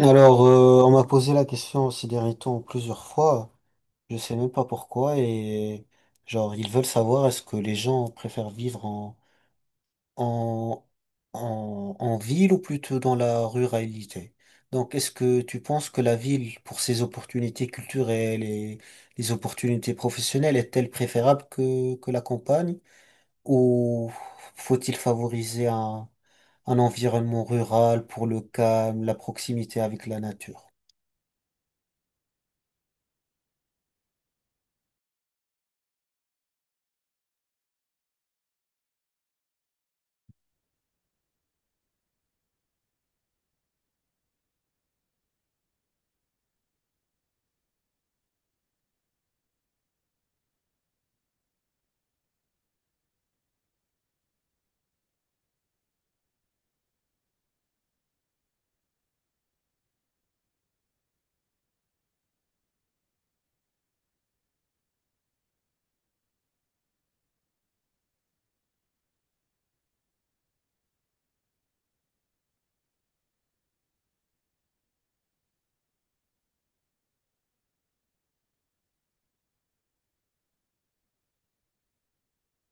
Alors, on m'a posé la question ces derniers temps plusieurs fois. Je sais même pas pourquoi et genre ils veulent savoir est-ce que les gens préfèrent vivre en en ville ou plutôt dans la ruralité. Donc est-ce que tu penses que la ville pour ses opportunités culturelles et les opportunités professionnelles est-elle préférable que la campagne ou faut-il favoriser un environnement rural pour le calme, la proximité avec la nature?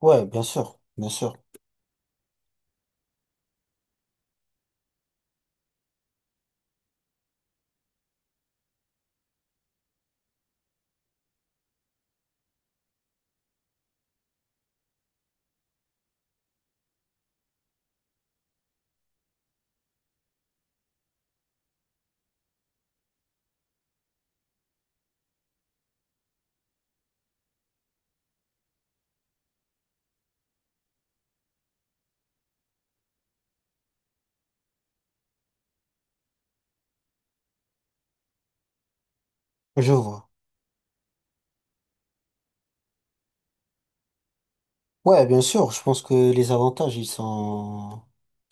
Ouais, bien sûr, je vois. Ouais, bien sûr, je pense que les avantages, ils sont,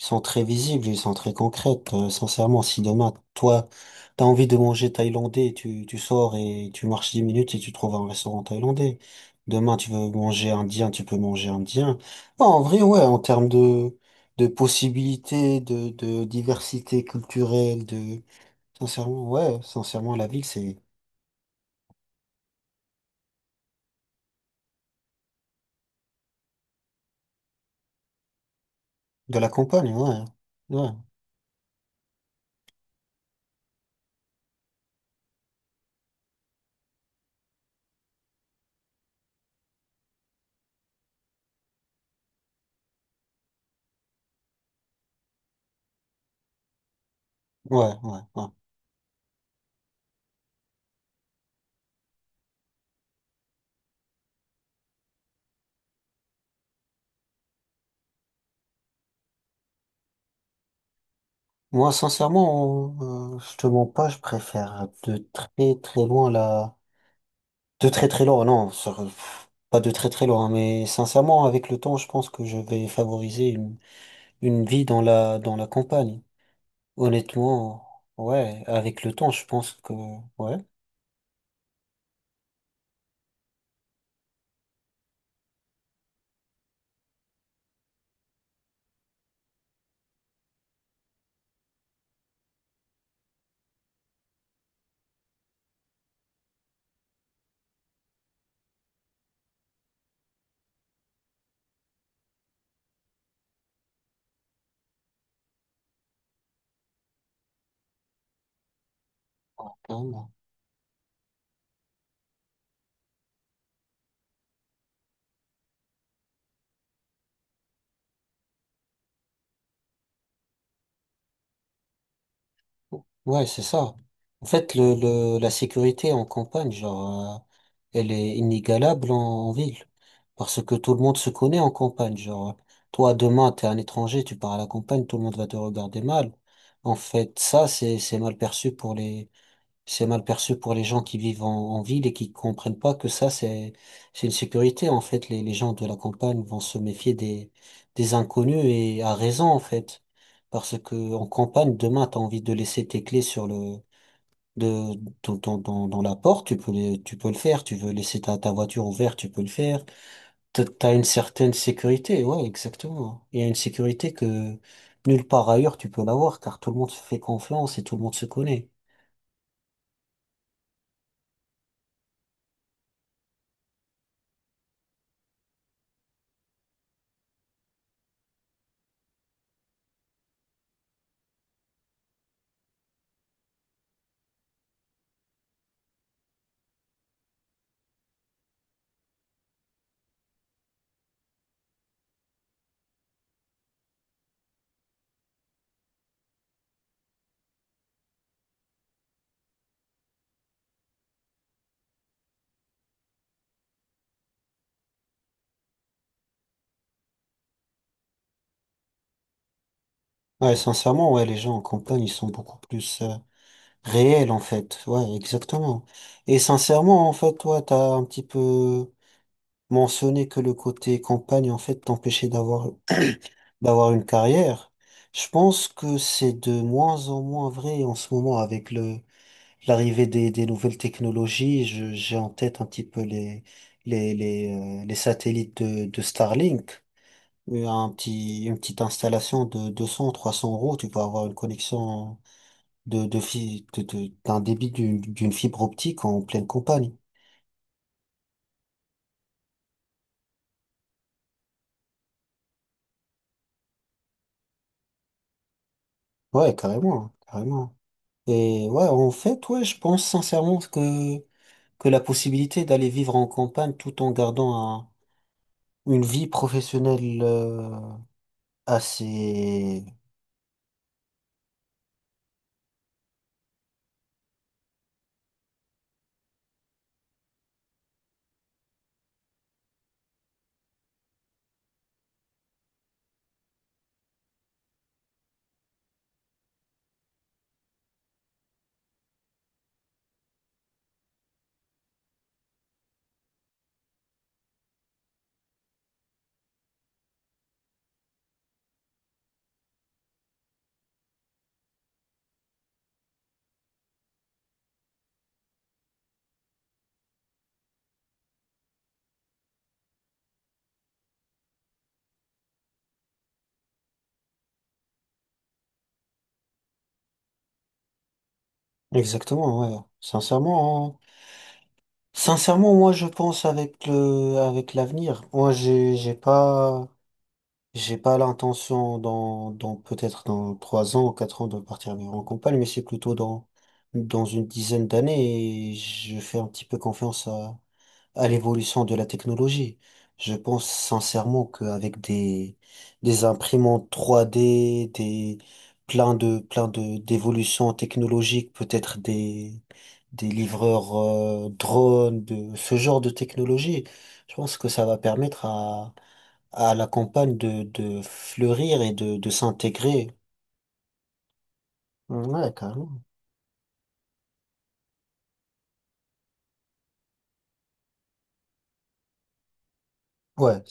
ils sont très visibles, ils sont très concrets. Sincèrement, si demain, toi, t'as envie de manger thaïlandais, tu sors et tu marches 10 minutes et tu trouves un restaurant thaïlandais. Demain, tu veux manger indien, tu peux manger indien. Non, en vrai, ouais, en termes de possibilités, de diversité culturelle, de, sincèrement, ouais, sincèrement, la ville, c'est de la campagne, ouais, ouais. Moi, sincèrement, je te mens pas, je préfère de très très loin la... De très très loin, non, pas de très très loin, hein, mais sincèrement, avec le temps, je pense que je vais favoriser une vie dans dans la campagne. Honnêtement, ouais, avec le temps, je pense que... Ouais, ouais, c'est ça. En fait, la sécurité en campagne, genre, elle est inégalable en ville. Parce que tout le monde se connaît en campagne. Genre, toi, demain, t'es un étranger, tu pars à la campagne, tout le monde va te regarder mal. En fait, c'est mal perçu pour c'est mal perçu pour les gens qui vivent en ville et qui comprennent pas que c'est une sécurité. En fait, les gens de la campagne vont se méfier des inconnus et à raison, en fait. Parce que en campagne, demain, t'as envie de laisser tes clés de, dans la porte, tu peux, tu peux le faire. Tu veux laisser ta voiture ouverte, tu peux le faire. T'as une certaine sécurité. Ouais, exactement. Il y a une sécurité que nulle part ailleurs tu peux l'avoir, car tout le monde se fait confiance et tout le monde se connaît. Ouais, sincèrement, ouais, les gens en campagne, ils sont beaucoup plus réels, en fait. Ouais, exactement. Et sincèrement, en fait, toi, t'as un petit peu mentionné que le côté campagne, en fait, d'avoir une carrière. Je pense que c'est de moins en moins vrai en ce moment avec l'arrivée des nouvelles technologies. J'ai en tête un petit peu les satellites de Starlink. Une petite installation de deux cents trois cents euros, tu peux avoir une connexion de, fi- de- d'un débit d'une fibre optique en pleine campagne. Ouais, carrément, carrément. Et ouais, en fait, ouais, je pense sincèrement que la possibilité d'aller vivre en campagne tout en gardant une vie professionnelle assez... Exactement, ouais. Sincèrement, hein. Sincèrement, moi, je pense avec avec l'avenir. Moi, j'ai pas... J'ai pas l'intention dans peut-être dans 3 ans ou 4 ans de partir vivre en campagne, mais c'est plutôt dans, dans une dizaine d'années et je fais un petit peu confiance à l'évolution de la technologie. Je pense sincèrement qu'avec des imprimantes 3D, des, plein d'évolutions technologiques, peut-être des livreurs, drones, de ce genre de technologie, je pense que ça va permettre à la campagne de fleurir et de s'intégrer. Mmh, ouais, carrément. Ouais,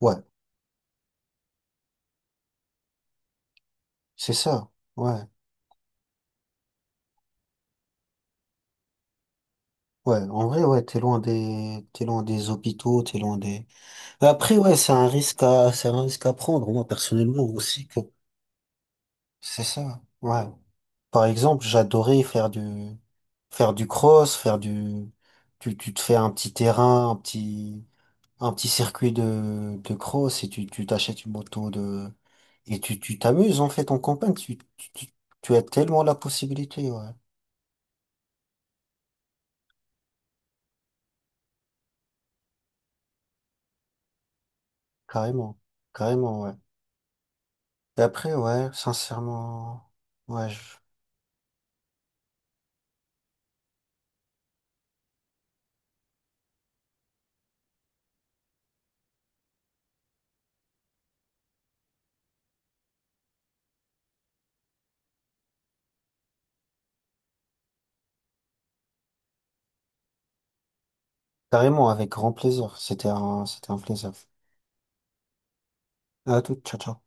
ouais, c'est ça. Ouais, ouais. En vrai, ouais, t'es loin t'es loin des hôpitaux, t'es loin des. Mais après, ouais, c'est un risque c'est un risque à prendre. Moi, personnellement aussi, que c'est ça. Ouais. Par exemple, j'adorais faire du cross, faire du, tu te fais un petit terrain, un petit circuit de cross et tu t'achètes une moto de, et tu t'amuses, en fait, en campagne. Tu as tellement la possibilité, ouais. Carrément. Carrément, ouais. Et après, ouais, sincèrement, ouais, je- carrément, avec grand plaisir. C'était un plaisir. À toute, ciao, ciao.